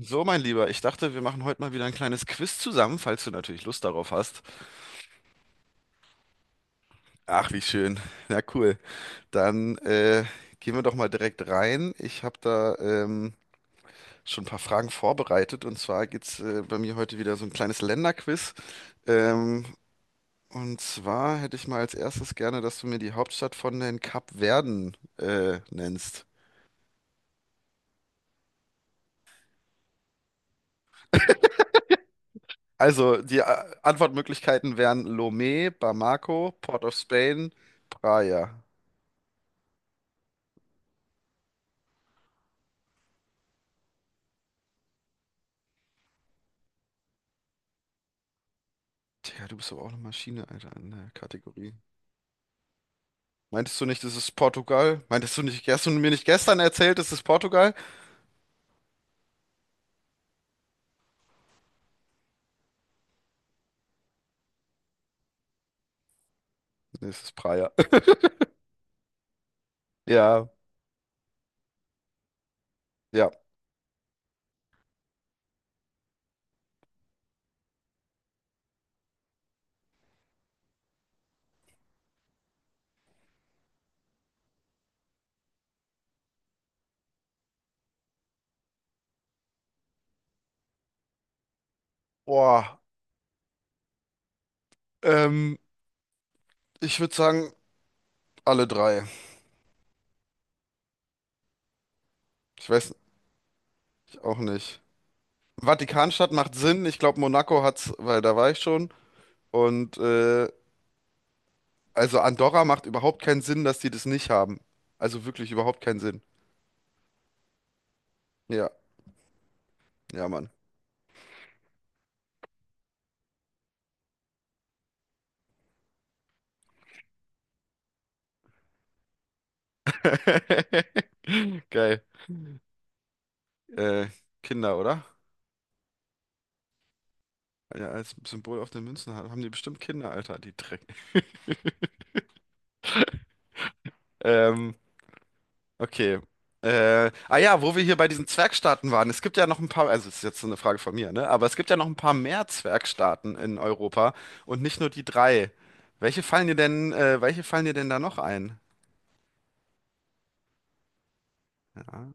So, mein Lieber, ich dachte, wir machen heute mal wieder ein kleines Quiz zusammen, falls du natürlich Lust darauf hast. Ach, wie schön. Na cool. Dann gehen wir doch mal direkt rein. Ich habe da schon ein paar Fragen vorbereitet. Und zwar geht's bei mir heute wieder so ein kleines Länderquiz. Ähm, und zwar hätte ich mal als erstes gerne, dass du mir die Hauptstadt von den Kapverden nennst. Also, die Antwortmöglichkeiten wären Lomé, Bamako, Port of Spain, Praia. Digga, du bist aber auch eine Maschine, Alter, in der Kategorie. Meintest du nicht, das ist Portugal? Meintest du nicht, hast du mir nicht gestern erzählt, das ist Portugal? Nee, es ist Praia. Ja, ja. Boah, ähm, Ich würde sagen, alle drei. Ich weiß auch nicht. Vatikanstadt macht Sinn. Ich glaube, Monaco hat's, weil da war ich schon. Und, äh, also Andorra macht überhaupt keinen Sinn, dass die das nicht haben. Also wirklich überhaupt keinen Sinn. Ja, ja, Mann. Geil. Äh, Kinder, oder? Ja, als Symbol auf den Münzen haben die bestimmt Kinder, Alter, die Dreck. Ähm, okay. Ah ja, wo wir hier bei diesen Zwergstaaten waren. Es gibt ja noch ein paar, also es ist jetzt so eine Frage von mir, ne? Aber es gibt ja noch ein paar mehr Zwergstaaten in Europa und nicht nur die drei. Welche fallen dir denn, welche fallen dir denn da noch ein? Ja.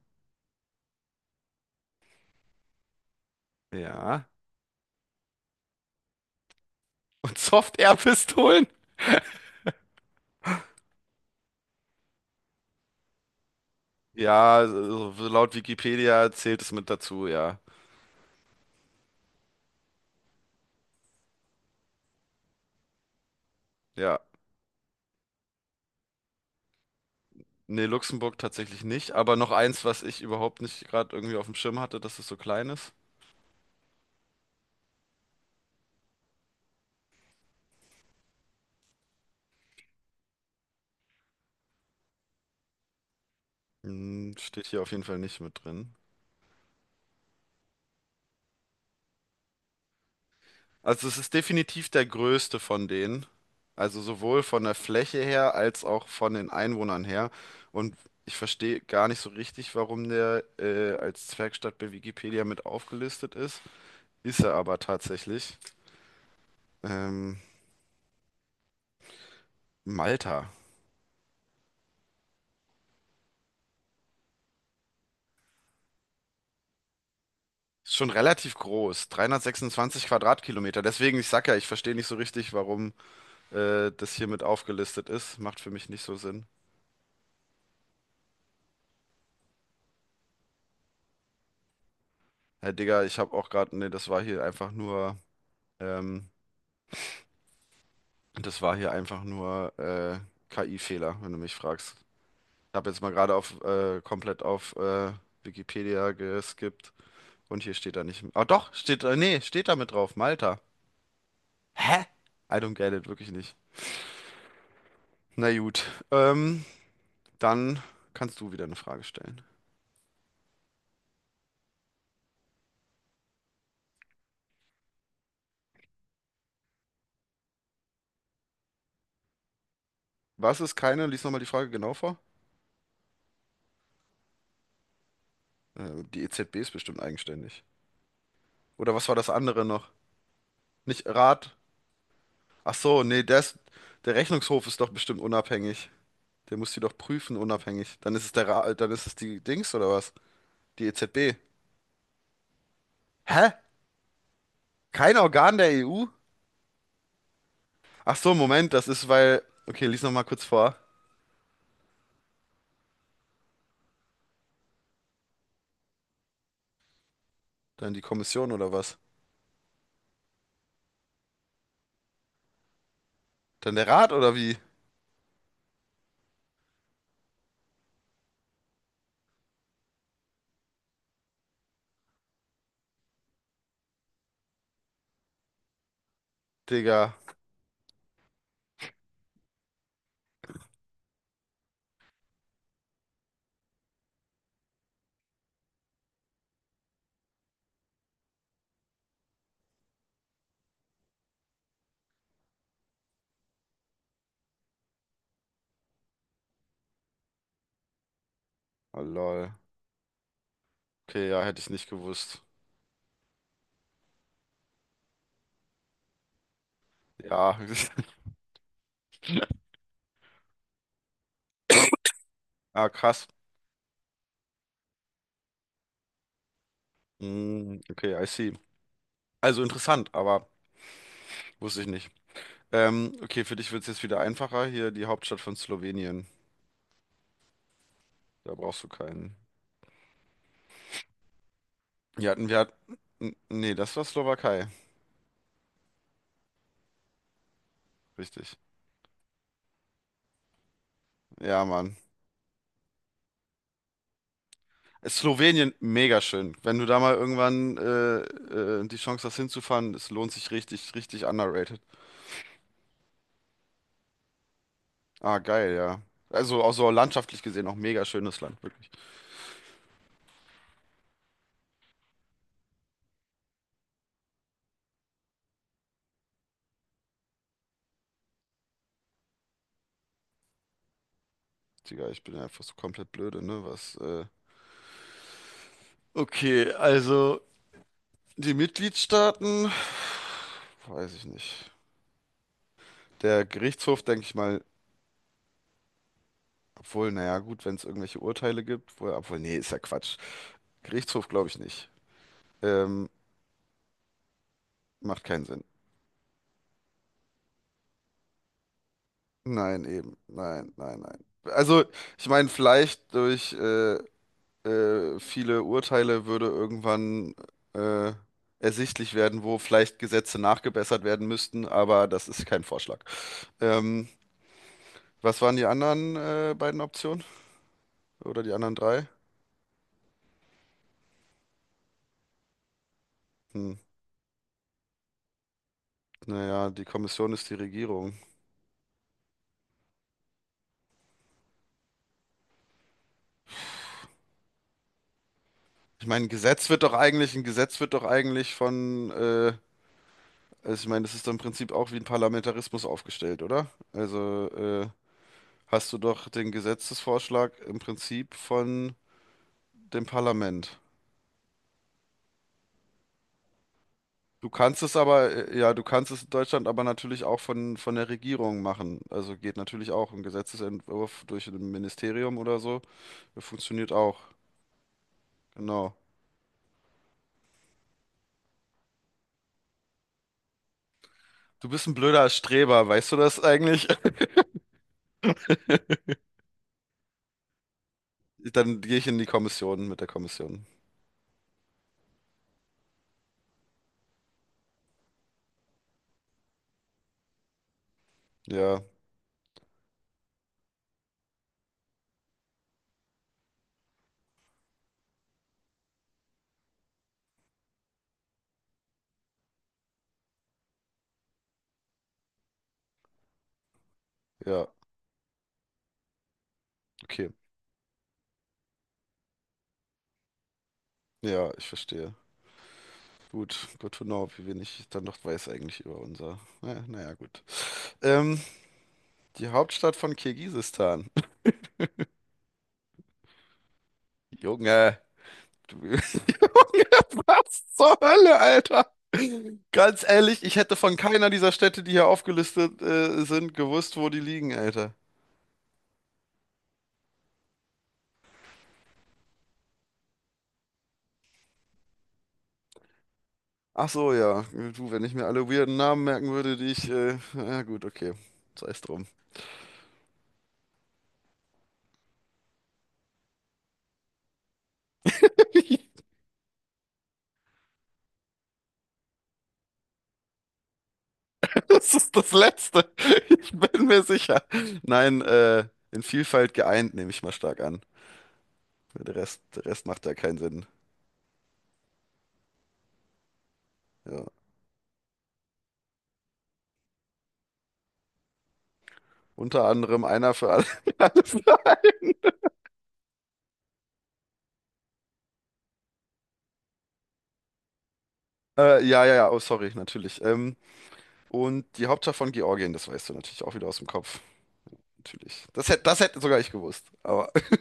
Ja. Und Soft-Air-Pistolen? Ja, so laut Wikipedia zählt es mit dazu, ja. Ja. Nee, Luxemburg tatsächlich nicht, aber noch eins, was ich überhaupt nicht gerade irgendwie auf dem Schirm hatte, dass es so klein ist. Hm, steht hier auf jeden Fall nicht mit drin. Also es ist definitiv der größte von denen. Also sowohl von der Fläche her als auch von den Einwohnern her. Und ich verstehe gar nicht so richtig, warum der als Zwergstadt bei Wikipedia mit aufgelistet ist. Ist er aber tatsächlich. Ähm, Malta. Ist schon relativ groß. 326 Quadratkilometer. Deswegen, ich sag ja, ich verstehe nicht so richtig, warum das hier mit aufgelistet ist. Macht für mich nicht so Sinn. Hey Digga, ich habe auch gerade, ne, das war hier einfach nur, ähm, das war hier einfach nur KI-Fehler, wenn du mich fragst. Ich habe jetzt mal gerade auf komplett auf Wikipedia geskippt und hier steht da nicht. Ah doch, steht da, nee, steht da mit drauf, Malta. Hä? I don't get it, wirklich nicht. Na gut, ähm, dann kannst du wieder eine Frage stellen. Was ist keine? Lies nochmal die Frage genau vor. Die EZB ist bestimmt eigenständig. Oder was war das andere noch? Nicht Rat? Ach so, nee, der ist, der Rechnungshof ist doch bestimmt unabhängig. Der muss die doch prüfen, unabhängig. Dann ist es der Ra dann ist es die Dings oder was? Die EZB. Hä? Kein Organ der EU? Ach so, Moment, das ist weil. Okay, lies noch mal kurz vor. Dann die Kommission oder was? Dann der Rat oder wie? Digga. Oh lol. Okay, ja, hätte ich nicht gewusst. Ja. Ah, krass. Mm, okay, I see. Also interessant, aber wusste ich nicht. Okay, für dich wird es jetzt wieder einfacher. Hier die Hauptstadt von Slowenien. Da brauchst du keinen. Nee, das war Slowakei. Richtig. Ja, Mann. Ist Slowenien mega schön. Wenn du da mal irgendwann die Chance hast hinzufahren, es lohnt sich richtig, richtig underrated. Ah, geil, ja. Also auch so landschaftlich gesehen auch mega schönes Land, wirklich. Digga, ich bin ja einfach so komplett blöde, ne? Was, Okay, also die Mitgliedstaaten, weiß ich nicht. Der Gerichtshof, denke ich mal, obwohl, naja, gut, wenn es irgendwelche Urteile gibt, obwohl, obwohl, nee, ist ja Quatsch. Gerichtshof glaube ich nicht. Ähm, Macht keinen Sinn. Nein, eben. Nein, nein, nein. Also, ich meine, vielleicht durch viele Urteile würde irgendwann äh, ersichtlich werden, wo vielleicht Gesetze nachgebessert werden müssten, aber das ist kein Vorschlag. Ähm, Was waren die anderen beiden Optionen? Oder die anderen drei? Hm. Naja, die Kommission ist die Regierung. Ich meine, ein Gesetz wird doch eigentlich, ein Gesetz wird doch eigentlich von. Also ich meine, das ist dann im Prinzip auch wie ein Parlamentarismus aufgestellt, oder? Also hast du doch den Gesetzesvorschlag im Prinzip von dem Parlament. Du kannst es aber, ja, du kannst es in Deutschland aber natürlich auch von der Regierung machen. Also geht natürlich auch ein Gesetzesentwurf durch ein Ministerium oder so. Funktioniert auch. Genau. Du bist ein blöder Streber, weißt du das eigentlich? Dann gehe ich in die Kommission mit der Kommission. Ja, ja, okay. Ja, ich verstehe. Gut, good to know, wie wenig ich dann noch weiß eigentlich über unser. Naja, naja, gut. Ähm, Die Hauptstadt von Kirgisistan. Junge, du, Junge, was zur Hölle, Alter? Ganz ehrlich, ich hätte von keiner dieser Städte, die hier aufgelistet sind, gewusst, wo die liegen, Alter. Ach so, ja. Du, wenn ich mir alle weirden Namen merken würde, die ich. Ja, gut, okay. Sei es drum. Das ist das Letzte. Ich bin mir sicher. Nein, in Vielfalt geeint, nehme ich mal stark an. Der Rest macht ja keinen Sinn. Ja. Unter anderem einer für alle. Alles klar. Ja, ja, ja, oh, sorry, natürlich. Und die Hauptstadt von Georgien, das weißt du natürlich auch wieder aus dem Kopf. Natürlich. Das hätte sogar ich gewusst. Aber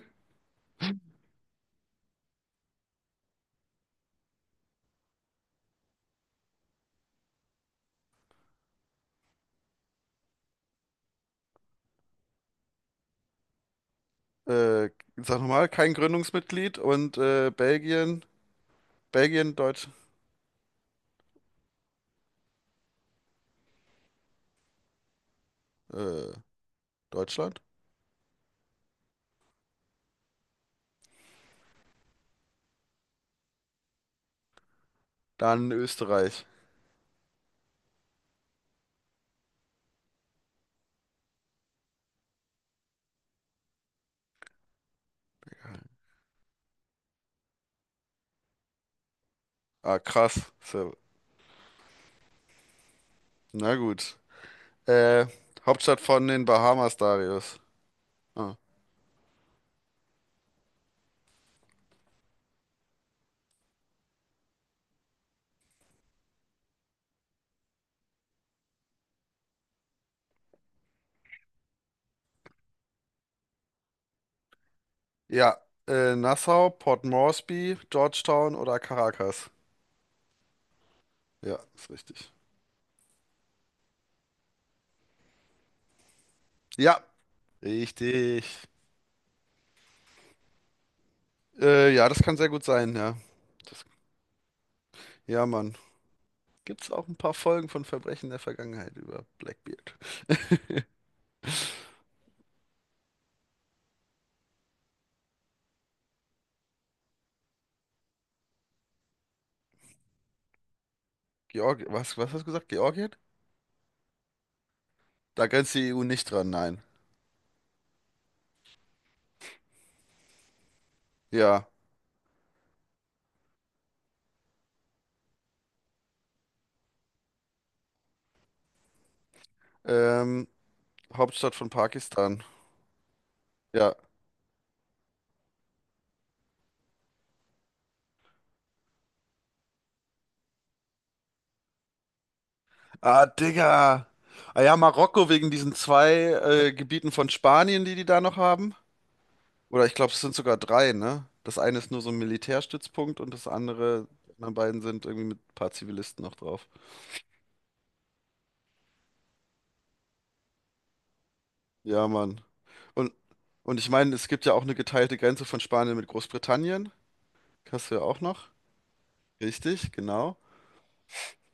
äh, sag nochmal, kein Gründungsmitglied und Belgien, Belgien, äh, Deutschland, dann Österreich. Ah, krass. So, na gut. Äh, Hauptstadt von den Bahamas, Darius. Ah. Ja, Nassau, Port Moresby, Georgetown oder Caracas. Ja, ist richtig. Ja, richtig. Ja, das kann sehr gut sein, ja. Das, ja, Mann. Gibt's auch ein paar Folgen von Verbrechen der Vergangenheit über Blackbeard. Georg, was, was hast du gesagt? Georgien? Da grenzt die EU nicht dran, nein. Ja. Ähm, Hauptstadt von Pakistan. Ja. Ah, Digga. Ah ja, Marokko wegen diesen zwei Gebieten von Spanien, die die da noch haben. Oder ich glaube, es sind sogar drei, ne? Das eine ist nur so ein Militärstützpunkt und das andere, die anderen beiden sind irgendwie mit ein paar Zivilisten noch drauf. Ja, Mann. Und, und ich meine, es gibt ja auch eine geteilte Grenze von Spanien mit Großbritannien. Hast du ja auch noch. Richtig, genau.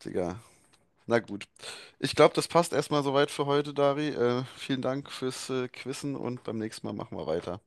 Digga. Na gut. Ich glaube, das passt erstmal soweit für heute, Dari. Vielen Dank fürs Quizzen und beim nächsten Mal machen wir weiter.